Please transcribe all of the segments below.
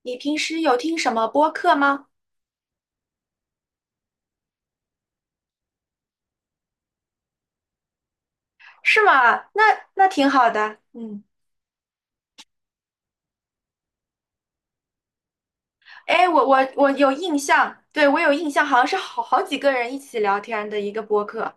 你平时有听什么播客吗？是吗？那挺好的。嗯。哎，我有印象。对，我有印象。好像是好几个人一起聊天的一个播客，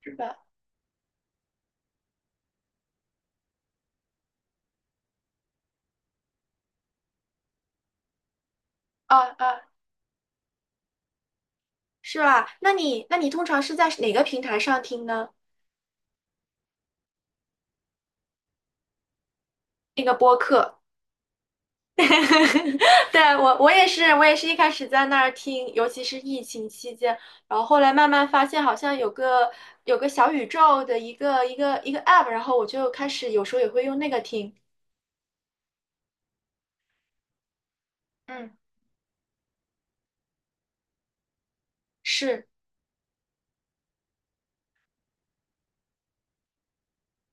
是吧？啊啊，是吧？那你通常是在哪个平台上听呢？那个播客？对，我也是。我也是一开始在那儿听，尤其是疫情期间，然后后来慢慢发现好像有个有个小宇宙的一个 app，然后我就开始有时候也会用那个听。嗯。是。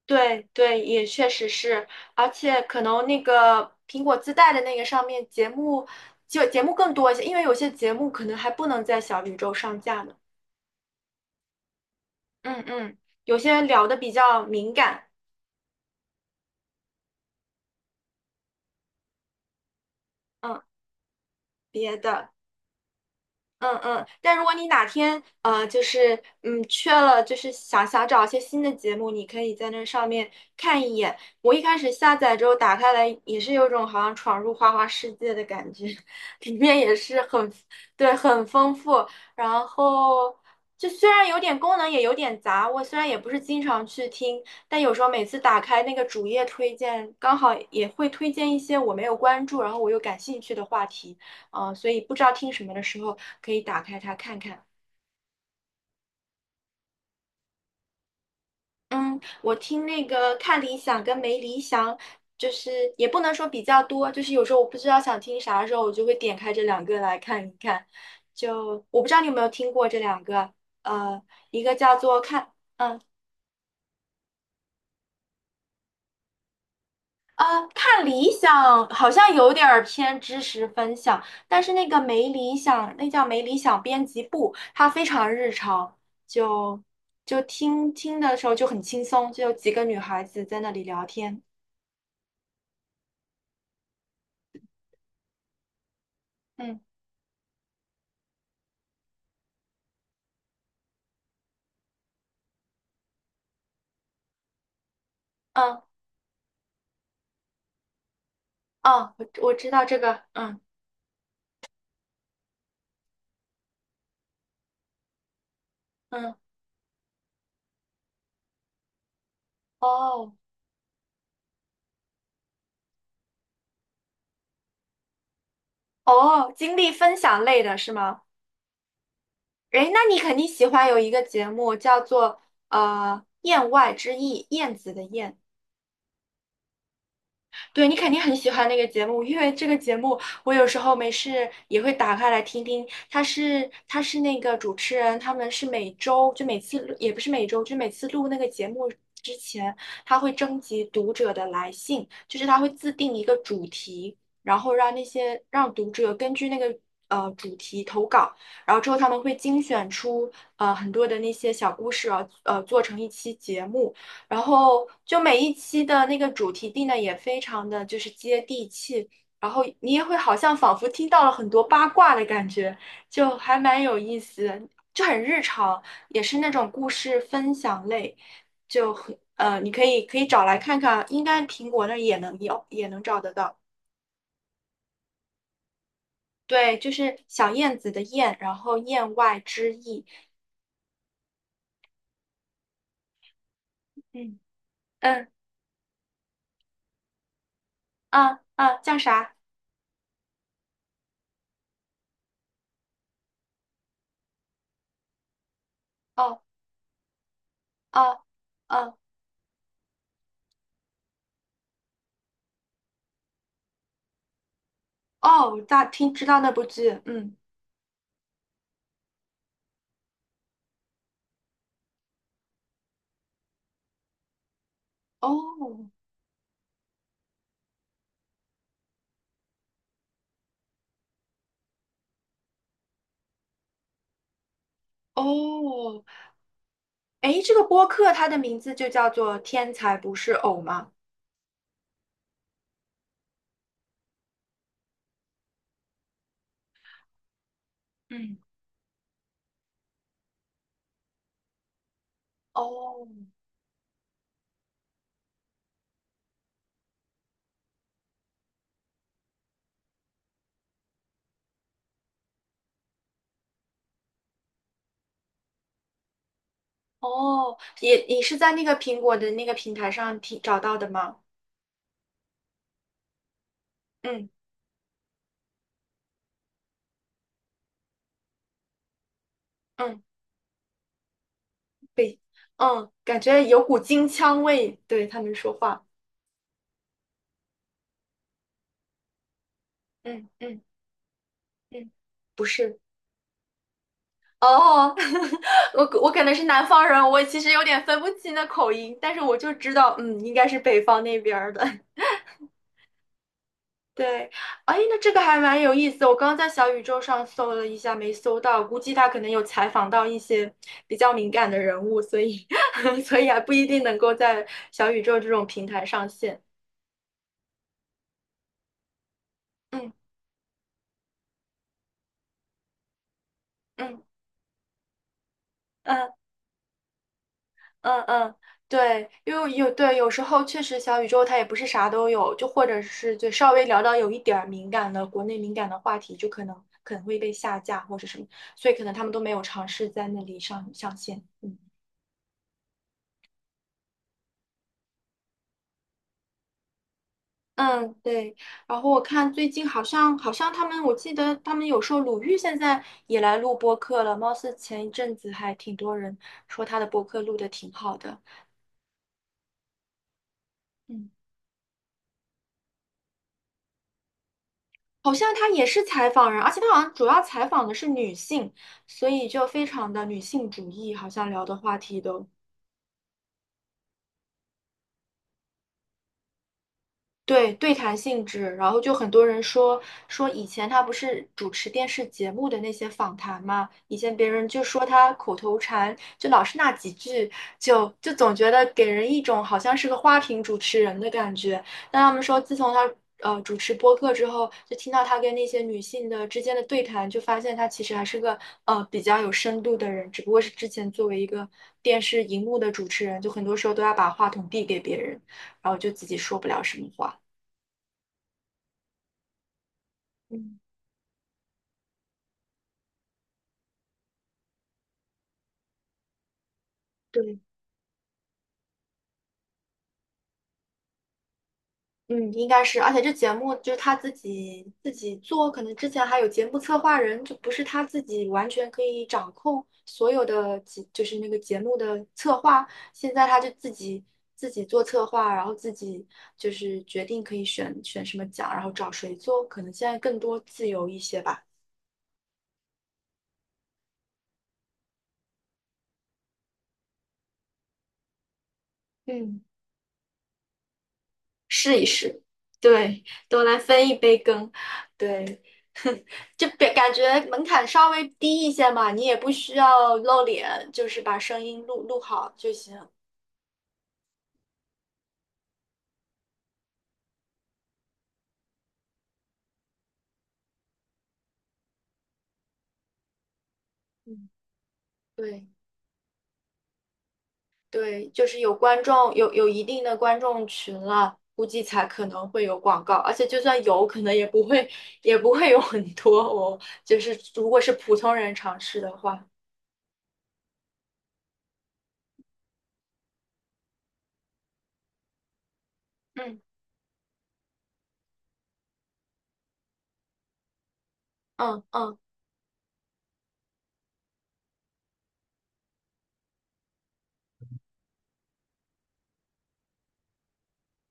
对对，也确实是。而且可能那个苹果自带的那个上面节目就节目更多一些，因为有些节目可能还不能在小宇宙上架呢。嗯嗯。有些聊的比较敏感，嗯，别的。嗯嗯。但如果你哪天就是缺了，就是想找一些新的节目，你可以在那上面看一眼。我一开始下载之后打开来，也是有种好像闯入花花世界的感觉，里面也是很，对，很丰富。然后就虽然有点功能也有点杂，我虽然也不是经常去听，但有时候每次打开那个主页推荐，刚好也会推荐一些我没有关注，然后我又感兴趣的话题。所以不知道听什么的时候可以打开它看看。嗯，我听那个看理想跟没理想，就是也不能说比较多，就是有时候我不知道想听啥的时候，我就会点开这两个来看一看。就我不知道你有没有听过这两个，呃，一个叫做看，嗯。呃，看理想好像有点儿偏知识分享，但是那个没理想，那叫没理想编辑部，它非常日常，就就听听的时候就很轻松，就有几个女孩子在那里聊天。嗯嗯。哦，我知道这个，嗯嗯。哦哦，经历分享类的是吗？诶，那你肯定喜欢有一个节目叫做《燕外之意》，燕子的燕。对，你肯定很喜欢那个节目，因为这个节目我有时候没事也会打开来听听。他是那个主持人，他们是每周就每次录也不是每周，就每次录那个节目之前，他会征集读者的来信，就是他会自定一个主题，然后让那些让读者根据那个主题投稿，然后之后他们会精选出很多的那些小故事啊，做成一期节目。然后就每一期的那个主题定的也非常的就是接地气，然后你也会好像仿佛听到了很多八卦的感觉，就还蛮有意思，就很日常，也是那种故事分享类，就很,你可以找来看看，应该苹果那儿也能有，也能找得到。对，就是小燕子的燕，然后燕外之意。嗯嗯。啊啊，叫啥？哦哦哦哦，大听知道那部剧，嗯。哦哦，诶，这个播客它的名字就叫做《天才不是偶》吗？嗯。哦哦，也你是在那个苹果的那个平台上听找到的吗？嗯嗯，对，嗯，感觉有股京腔味，对他们说话，嗯嗯。嗯，不是。哦，我可能是南方人，我其实有点分不清的口音，但是我就知道，嗯，应该是北方那边儿的。对。哎，那这个还蛮有意思。我刚刚在小宇宙上搜了一下，没搜到，估计他可能有采访到一些比较敏感的人物，所以 所以还不一定能够在小宇宙这种平台上线。嗯嗯嗯嗯嗯，对。因为有对有时候确实小宇宙它也不是啥都有，就或者是就稍微聊到有一点儿敏感的国内敏感的话题，就可能会被下架或者什么，所以可能他们都没有尝试在那里上线。嗯。嗯，对。然后我看最近好像他们，我记得他们有说鲁豫现在也来录播客了，貌似前一阵子还挺多人说他的播客录的挺好的。嗯，好像他也是采访人，而且他好像主要采访的是女性，所以就非常的女性主义，好像聊的话题都对，对谈性质。然后就很多人说说以前他不是主持电视节目的那些访谈嘛，以前别人就说他口头禅，就老是那几句，就总觉得给人一种好像是个花瓶主持人的感觉。但他们说，自从他主持播客之后，就听到他跟那些女性的之间的对谈，就发现他其实还是个比较有深度的人，只不过是之前作为一个电视荧幕的主持人，就很多时候都要把话筒递给别人，然后就自己说不了什么话。嗯。对，嗯，应该是。而且这节目就是他自己做，可能之前还有节目策划人，就不是他自己完全可以掌控所有的节，就是那个节目的策划。现在他就自己做策划，然后自己就是决定可以选什么奖，然后找谁做，可能现在更多自由一些吧。嗯，试一试，对，都来分一杯羹，对。就别感觉门槛稍微低一些嘛，你也不需要露脸，就是把声音录好就行。嗯，对对，就是有观众，有一定的观众群了，估计才可能会有广告，而且就算有可能也不会也不会有很多哦。就是如果是普通人尝试的话，嗯嗯。嗯，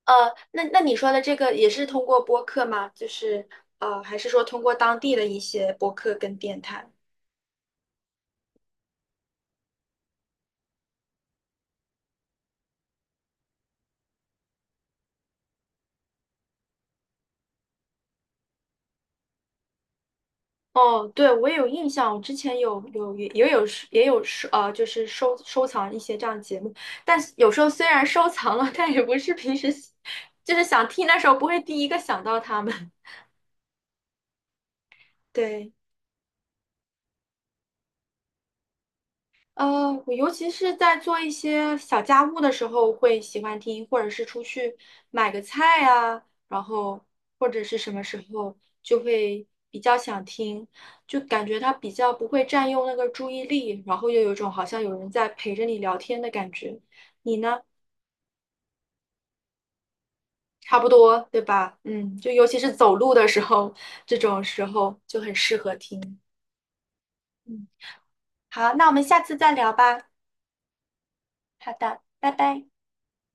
那你说的这个也是通过播客吗？就是还是说通过当地的一些播客跟电台？哦，对，我也有印象，我之前有有也也有是也有收呃，就是收藏一些这样的节目，但是有时候虽然收藏了，但也不是平时喜就是想听，那时候不会第一个想到他们。对。我尤其是在做一些小家务的时候会喜欢听，或者是出去买个菜啊，然后或者是什么时候就会比较想听，就感觉它比较不会占用那个注意力，然后又有一种好像有人在陪着你聊天的感觉。你呢？差不多，对吧？嗯，就尤其是走路的时候，这种时候就很适合听。嗯，好，那我们下次再聊吧。好的，拜拜。